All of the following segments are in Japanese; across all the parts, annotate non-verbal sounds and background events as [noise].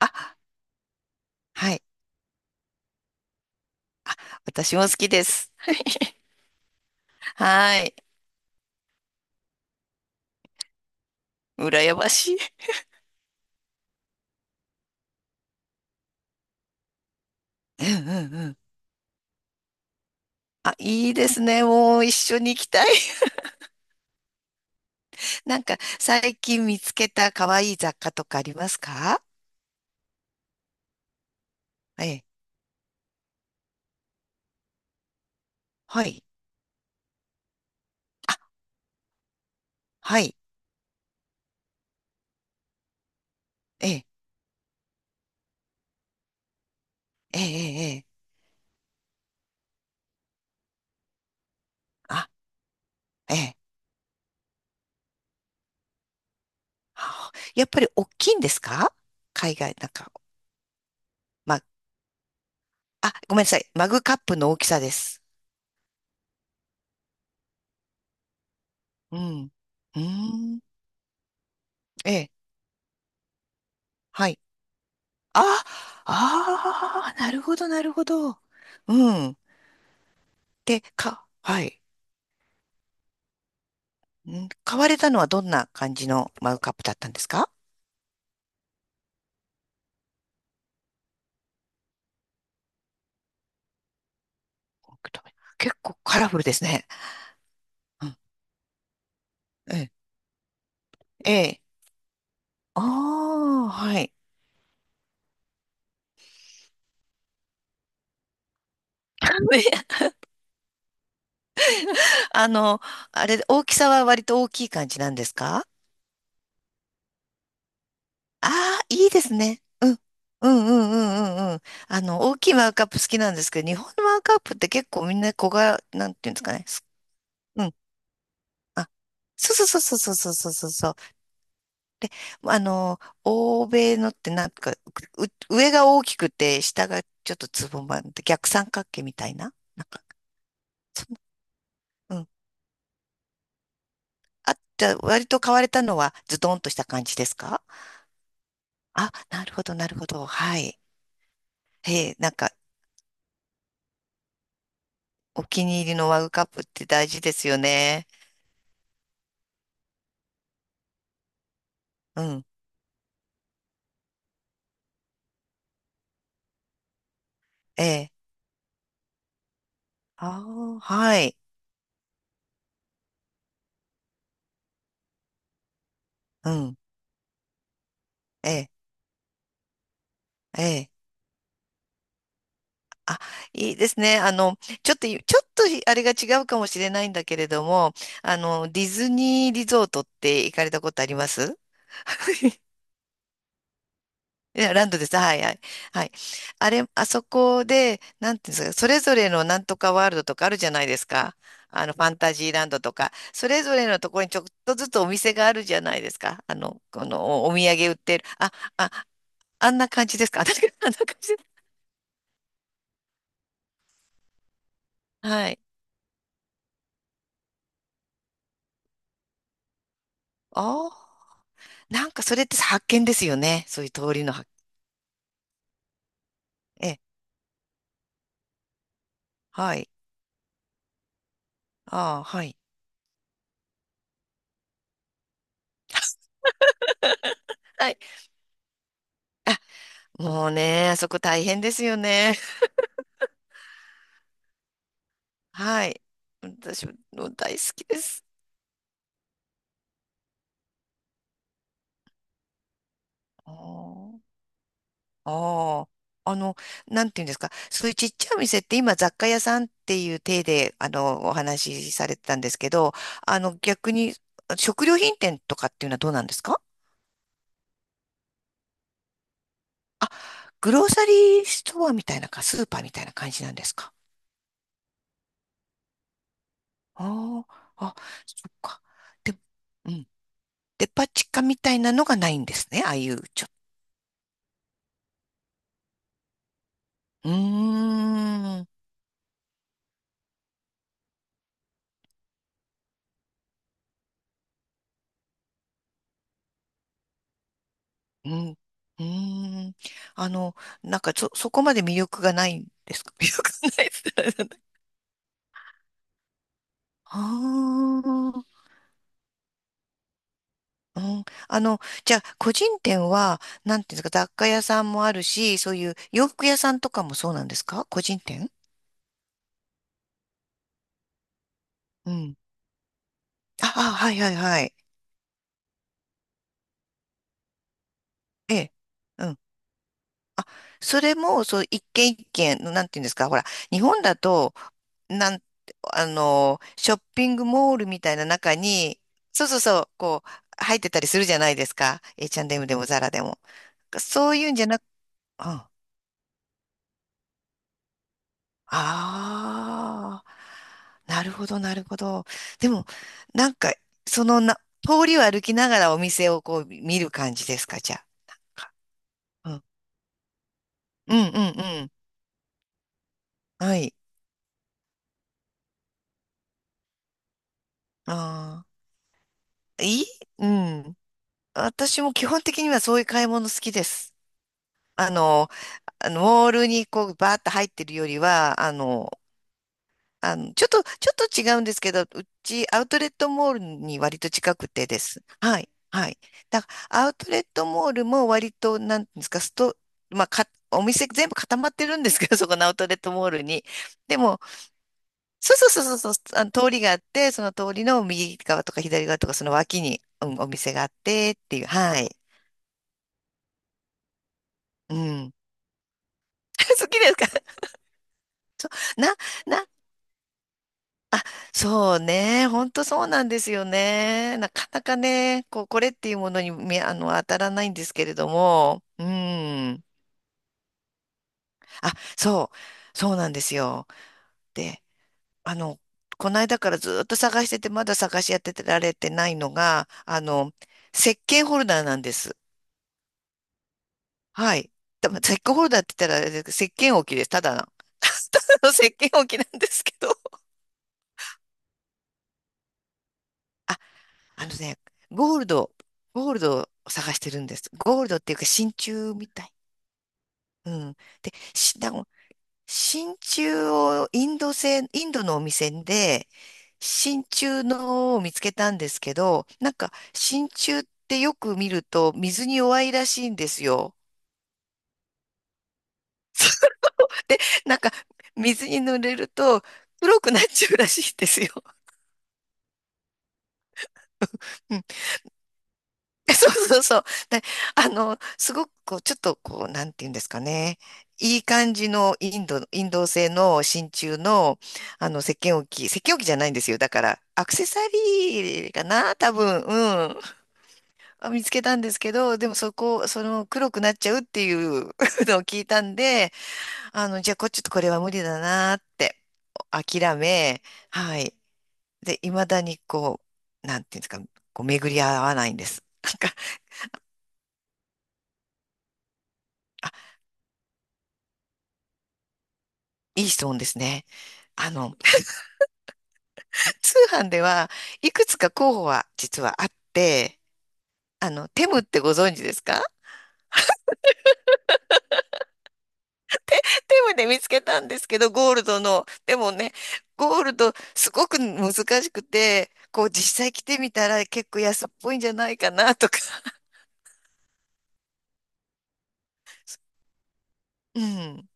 あ、はい。私も好きです。はい。羨ましい。うんうんうん。あ、いいですね。もう一緒に行きたい。[laughs] なんか、最近見つけた可愛い雑貨とかありますか？ええ。はい。あ、はい。ええ、ええ、ええ。ええ、あ、ええ。あ、やっぱり大きいんですか？海外、なんか、ま、あ、ごめんなさい。マグカップの大きさです。うん。うーん。ええ。はい。あ、ああ、なるほど、なるほど。うん。はい。買われたのはどんな感じのマグカップだったんですか？結構カラフルですね。うん。ええ。ええ。ああ、はい。[laughs] あの、あれ、大きさは割と大きい感じなんですか？ああ、いいですね。うん。うんうんうんうんうん。あの、大きいマグカップ好きなんですけど、日本のマグカップって結構みんな小柄、なんていうんですかね。うん。あ、そうそうそうそうそうそうそうそう。あの、欧米のってなんか、上が大きくて、下がちょっとつぼまっ逆三角形みたいな。なんか、うん。あ、じゃあ割と買われたのはズドンとした感じですか？あ、なるほど、なるほど。はい。へえ、なんか、お気に入りのマグカップって大事ですよね。うん。ええ。ああ、はい。うん。ええ、ええ。あ、いいですね。あの、ちょっといあれが違うかもしれないんだけれども、あの、ディズニーリゾートって行かれたことあります？ [laughs] いや、ランドです。はいはい。はい。あれ、あそこで、なんていうんですか、それぞれのなんとかワールドとかあるじゃないですか。あの、ファンタジーランドとか、それぞれのところにちょっとずつお店があるじゃないですか。あの、このお、お土産売ってる。あ、あ、あんな感じですか。[laughs] あんな感じです。はい。ああ、なんかそれって発見ですよね。そういう通りの、え、はい。ああ、はい。[laughs] はい。もうね、あそこ大変ですよね。[laughs] はい。私も大好きです。あーあー、あの、なんていうんですか。そういうちっちゃいお店って今雑貨屋さんっていう体で、あの、お話しされてたんですけど、あの、逆に食料品店とかっていうのはどうなんですか？あ、グローサリーストアみたいなスーパーみたいな感じなんですか？ああー、あ、そっか。でも、デパ地下みたいなのがないんですね。ああいう、うーん、うん、うーん。あの、なんか、そこまで魅力がないんですか？ [laughs] 魅力がないですね。ああ、うん。あの、じゃあ、個人店は、なんていうんですか、雑貨屋さんもあるし、そういう洋服屋さんとかもそうなんですか？個人店、うん。ああ、はいはいはい。ええ。それも、そう、一軒一軒の、なんていうんですか、ほら、日本だと、なんあの、ショッピングモールみたいな中に、そうそうそう、こう、入ってたりするじゃないですか。H&M でもザラでも。そういうんじゃなく、うん。ああ、なるほど、なるほど。でも、なんか、そのな、通りを歩きながらお店をこう見る感じですか、じゃあ。なんか、うん、うん、うん、うん。はい。ああ、いい、うん。私も基本的にはそういう買い物好きです。あの、あのモールにこうバーッと入ってるよりは、あの、あの、ちょっと違うんですけど、ちアウトレットモールに割と近くてです。はい、はい。だからアウトレットモールも割と、なんていうんですか、まあ、お店全部固まってるんですけど、[laughs] そこのアウトレットモールに。でも、そうそうそうそう、そう、あの通りがあって、その通りの右側とか左側とか、その脇に、うん、お店があってっていう、はい。うん。[laughs] 好きですか？な、な、そうね。本当そうなんですよね。なかなかね、こう、これっていうものに、あの、当たらないんですけれども。うん。あ、そう。そうなんですよ。で、あの、この間からずっと探してて、まだ探し当てられてないのが、あの、石鹸ホルダーなんです。はい。多分石鹸ホルダーって言ったら、あれですけど石鹸置きです。ただの。[laughs] ただの石鹸置きなんですけど。あのね、ゴールド、ゴールドを探してるんです。ゴールドっていうか真鍮みたい。うん。で、し、だも、真鍮をインドのお店で、真鍮のを見つけたんですけど、なんか真鍮ってよく見ると水に弱いらしいんですよ。なんか水に濡れると黒くなっちゃうらしいんですよ。うん。 [laughs] そうそうそう。で、あの、すごくこう、ちょっとこう、なんていうんですかね。いい感じのインド、インド製の真鍮の、あの、石鹸置きじゃないんですよ。だから、アクセサリーかな、多分、うん。あ、見つけたんですけど、でもその、黒くなっちゃうっていう [laughs] のを聞いたんで、あの、じゃあ、ちょっとこれは無理だなって、諦め、はい。で、未だにこう、なんていうんですか、こう、巡り合わないんです。なんか、いい質問ですね。あの、[laughs] 通販ではいくつか候補は実はあって、あの、テムってご存知ですか？ [laughs] テムで見つけたんですけど、ゴールドの。でもね、ゴールドすごく難しくて、こう実際着てみたら結構安っぽいんじゃないかな [laughs] とか。うん。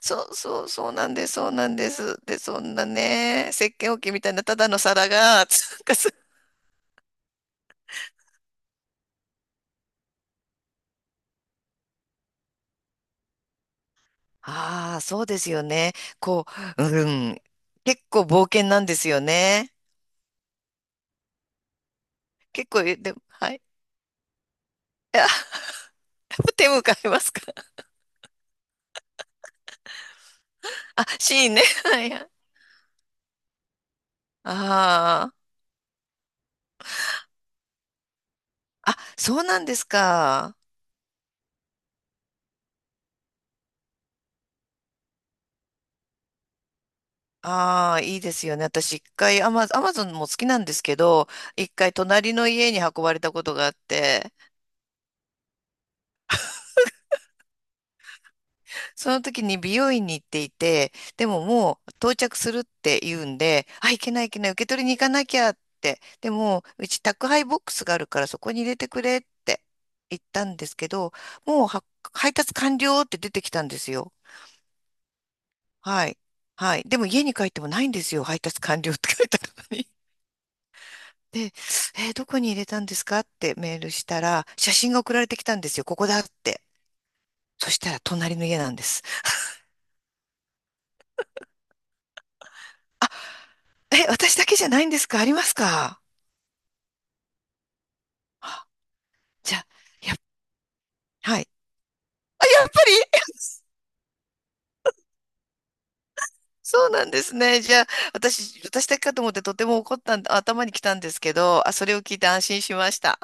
そうそう、そうなんです、そうなんです。で、そんなね、石鹸置きみたいなただの皿が、[laughs] つうか、す、ああ、そうですよね。こう、うん。結構冒険なんですよね。結構言っても、はい。いや [laughs] 手向かいますか？ [laughs] あ、シーンね。[laughs] はいはい。ああ。あ、そうなんですか。ああ、いいですよね。私一回アマゾンも好きなんですけど、一回隣の家に運ばれたことがあって、その時に美容院に行っていて、でももう到着するって言うんで、あ、いけないいけない、受け取りに行かなきゃって、でもうち宅配ボックスがあるからそこに入れてくれって言ったんですけど、もうは配達完了って出てきたんですよ。はい。はい。でも家に帰ってもないんですよ。配達完了って書いてあるのに。で、えーどこに入れたんですかってメールしたら、写真が送られてきたんですよ。ここだって。そしたら隣の家なんです。え、私だけじゃないんですか？ありますか？じゃあ、やっ、はい。あ、やっぱり [laughs] そうなんですね。じゃあ、私だけかと思ってとても怒った頭に来たんですけど、あ、それを聞いて安心しました。